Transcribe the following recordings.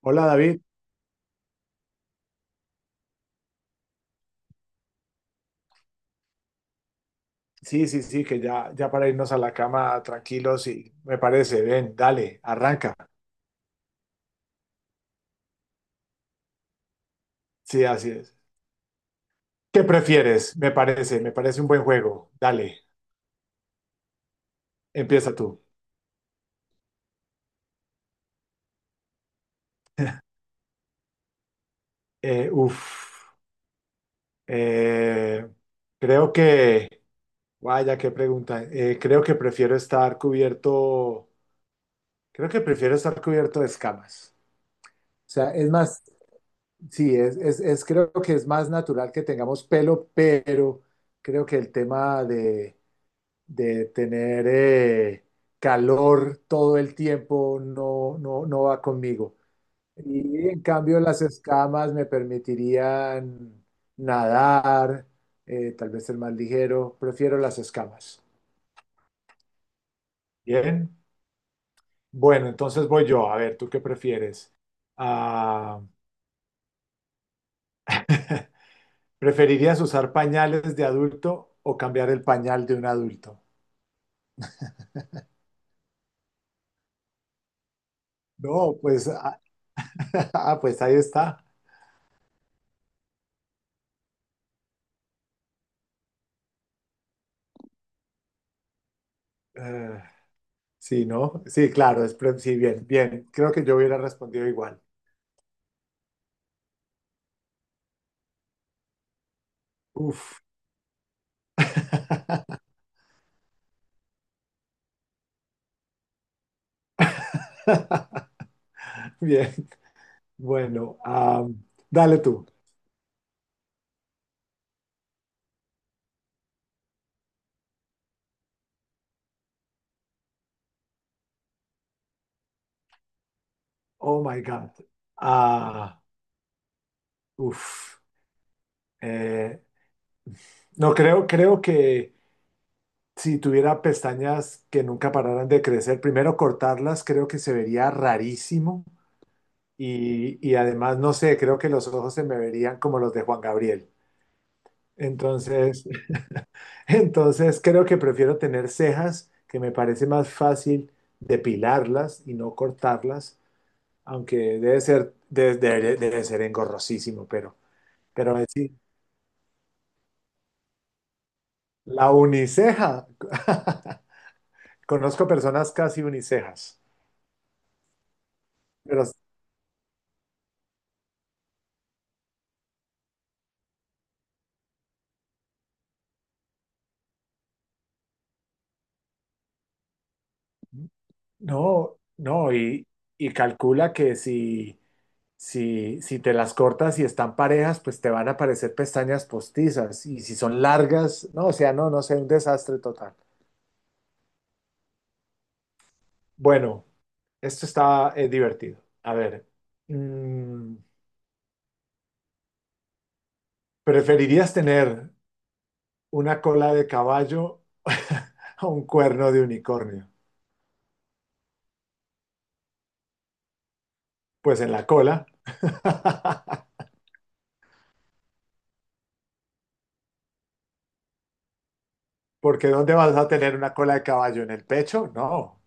Hola David, sí, sí, sí, que ya, ya para irnos a la cama tranquilos y me parece, ven, dale, arranca. Sí, así es. ¿Qué prefieres? Me parece un buen juego. Dale, empieza tú. Eh, uf, eh, creo que, vaya, qué pregunta. Creo que prefiero estar cubierto, creo que prefiero estar cubierto de escamas. O sea, es más, sí, es creo que es más natural que tengamos pelo, pero creo que el tema de tener calor todo el tiempo no, no, no va conmigo. Y en cambio las escamas me permitirían nadar, tal vez ser más ligero. Prefiero las escamas. Bien. Bueno, entonces voy yo. A ver, ¿tú qué prefieres? Ah, ¿preferirías usar pañales de adulto o cambiar el pañal de un adulto? No, pues, pues ahí está. Eh, Sí, ¿no? Sí, claro, sí, bien, bien. Creo que yo hubiera respondido igual. Uf. Bien, bueno, dale tú. Oh my God. Ah, uf. Eh, no, creo que si tuviera pestañas que nunca pararan de crecer, primero cortarlas creo que se vería rarísimo y además, no sé, creo que los ojos se me verían como los de Juan Gabriel. Entonces, Entonces creo que prefiero tener cejas, que me parece más fácil depilarlas y no cortarlas, aunque debe ser, debe ser engorrosísimo, pero es sí, la uniceja. Conozco personas casi unicejas, pero no, no, y calcula que si, si te las cortas y están parejas, pues te van a aparecer pestañas postizas, y si son largas, no, o sea, no, no sé, un desastre total. Bueno. Esto está divertido. A ver, mm, ¿preferirías tener una cola de caballo o un cuerno de unicornio? Pues en la cola, porque ¿dónde vas a tener una cola de caballo? ¿En el pecho? No.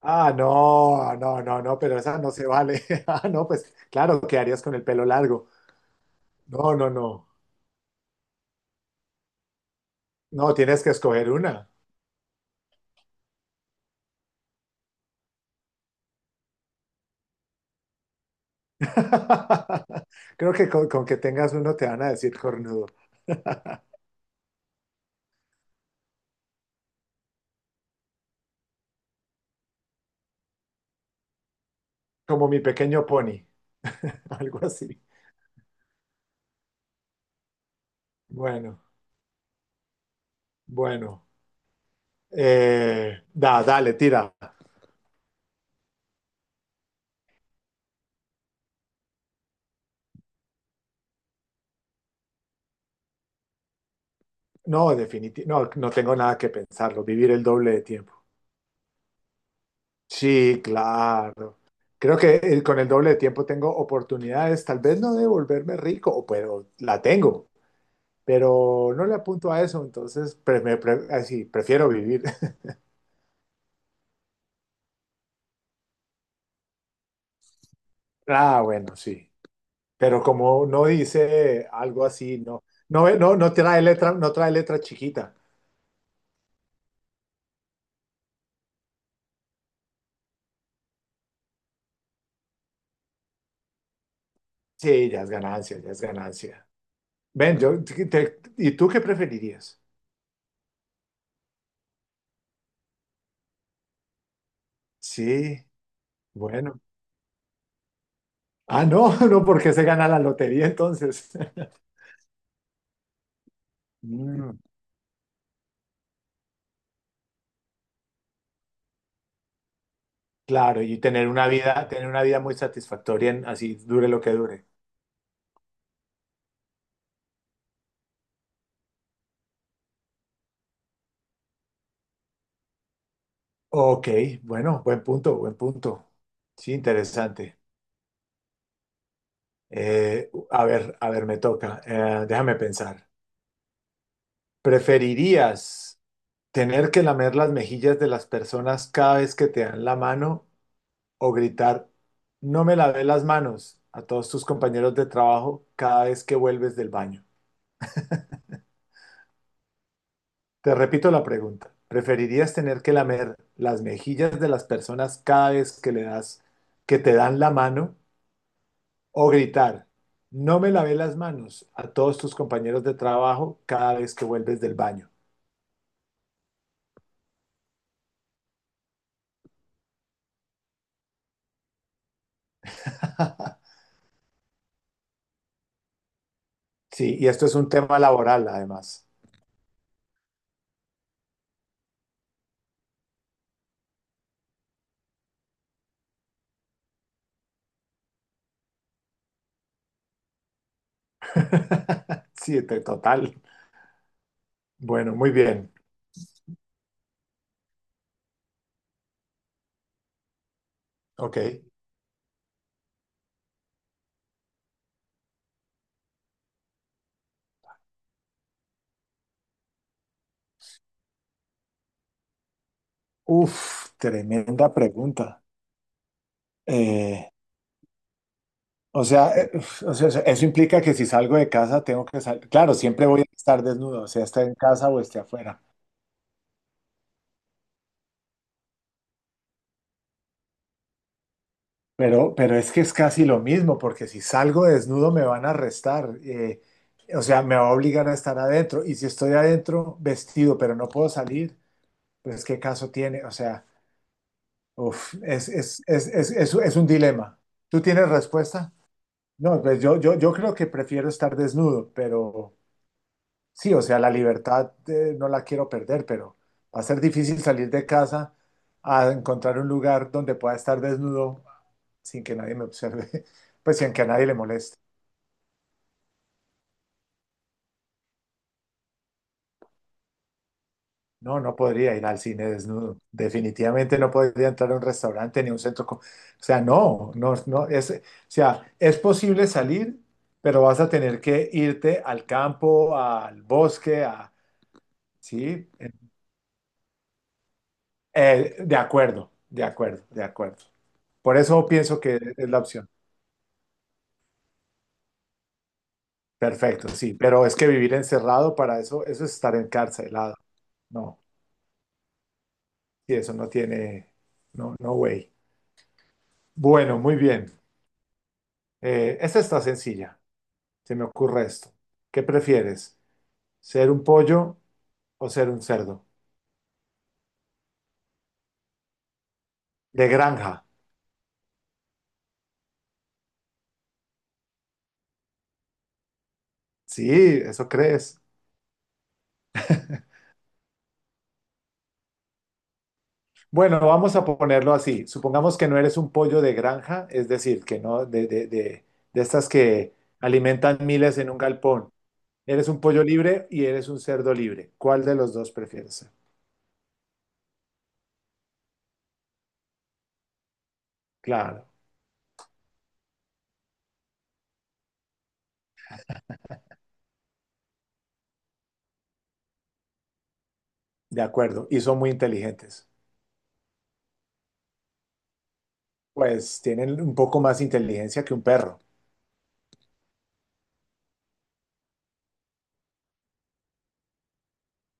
Ah, no, no, no, no, pero esa no se vale. Ah, no, pues claro, ¿qué harías con el pelo largo? No, no, no. No, tienes que escoger una. Creo que con que tengas uno te van a decir cornudo, como mi pequeño pony, algo así. Bueno, bueno. Dale, tira. No, definitivamente, no, no tengo nada que pensarlo. Vivir el doble de tiempo. Sí, claro. Creo que con el doble de tiempo tengo oportunidades, tal vez no de volverme rico, o pero la tengo, pero no le apunto a eso, entonces así, prefiero vivir. Ah, bueno, sí. Pero como no dice algo así, no, no, no, no trae letra, no trae letra chiquita. Sí, ya es ganancia, ya es ganancia. Ven, yo, ¿y tú qué preferirías? Sí, bueno. Ah, no, no, porque se gana la lotería entonces. Mm, claro, y tener una vida muy satisfactoria, así dure lo que dure. Ok, bueno, buen punto, buen punto. Sí, interesante. A ver, a ver, me toca. Déjame pensar. ¿Preferirías tener que lamer las mejillas de las personas cada vez que te dan la mano o gritar, no me lavé las manos a todos tus compañeros de trabajo cada vez que vuelves del baño? Te repito la pregunta, ¿preferirías tener que lamer las mejillas de las personas cada vez que le das, que te dan la mano o gritar, no me lavé las manos a todos tus compañeros de trabajo cada vez que vuelves del baño? Sí, y esto es un tema laboral además. Sí, total. Bueno, muy bien. Ok. Uf, tremenda pregunta. Eh, o sea, eh, o sea, eso implica que si salgo de casa tengo que salir. Claro, siempre voy a estar desnudo, sea esté en casa o esté afuera. Pero es que es casi lo mismo, porque si salgo desnudo me van a arrestar. O sea, me va a obligar a estar adentro. Y si estoy adentro vestido, pero no puedo salir, pues ¿qué caso tiene? O sea, uf, es un dilema. ¿Tú tienes respuesta? No, pues yo creo que prefiero estar desnudo, pero... Sí, o sea, la libertad no la quiero perder, pero va a ser difícil salir de casa a encontrar un lugar donde pueda estar desnudo sin que nadie me observe, pues sin que a nadie le moleste. No, no podría ir al cine desnudo. Definitivamente no podría entrar a un restaurante ni a un centro. O sea, no, no, no. O sea, es posible salir, pero vas a tener que irte al campo, al bosque, a, sí. De acuerdo, de acuerdo, de acuerdo. Por eso pienso que es la opción. Perfecto, sí, pero es que vivir encerrado para eso, eso es estar encarcelado. No, y eso no tiene, no, no way. Bueno, muy bien. Esta está sencilla. Se me ocurre esto. ¿Qué prefieres? ¿Ser un pollo o ser un cerdo? De granja. Sí, eso crees. Bueno, vamos a ponerlo así. Supongamos que no eres un pollo de granja, es decir, que no de, de estas que alimentan miles en un galpón. Eres un pollo libre y eres un cerdo libre. ¿Cuál de los dos prefieres ser? Claro, de acuerdo. Y son muy inteligentes. Pues tienen un poco más inteligencia que un perro.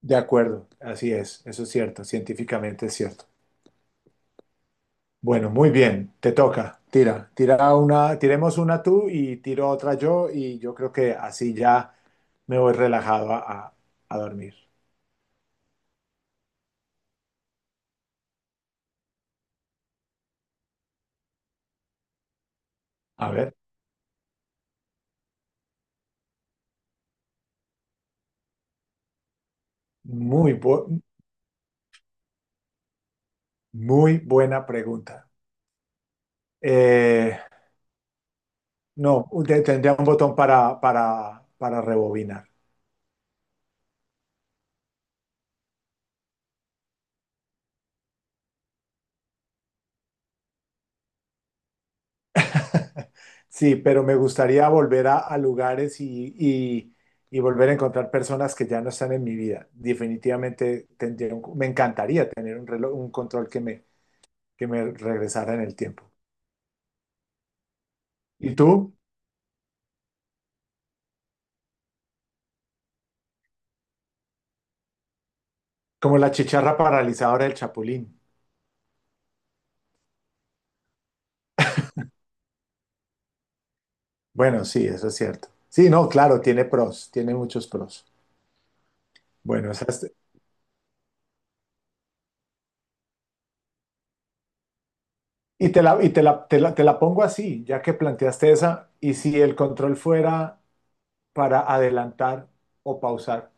De acuerdo, así es. Eso es cierto, científicamente es cierto. Bueno, muy bien, te toca. Tira, tira una, tiremos una tú y tiro otra yo y yo creo que así ya me voy relajado a, a- a dormir. A ver, muy, bu- muy buena pregunta. Eh, no, tendría un botón para rebobinar. Sí, pero me gustaría volver a lugares y, y volver a encontrar personas que ya no están en mi vida. Definitivamente me encantaría tener un reloj, un control que me regresara en el tiempo. ¿Y tú? Como la chicharra paralizadora del Chapulín. Bueno, sí, eso es cierto. Sí, no, claro, tiene pros, tiene muchos pros. Bueno, esa es- y te la, y te la, te la, te la pongo así, ya que planteaste esa, y si el control fuera para adelantar o pausar.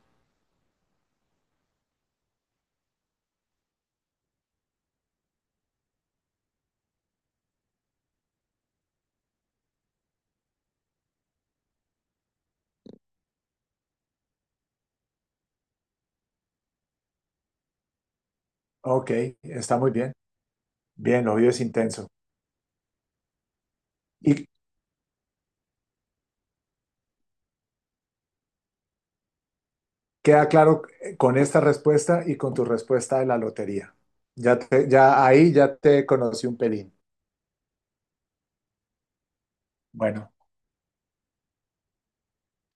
Ok, está muy bien. Bien, obvio es intenso. Y queda claro con esta respuesta y con tu respuesta de la lotería. Ya ahí ya te conocí un pelín. Bueno.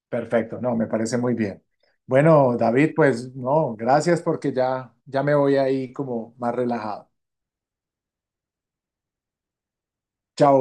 Perfecto, no, me parece muy bien. Bueno, David, pues no, gracias porque ya, ya me voy ahí como más relajado. Chao.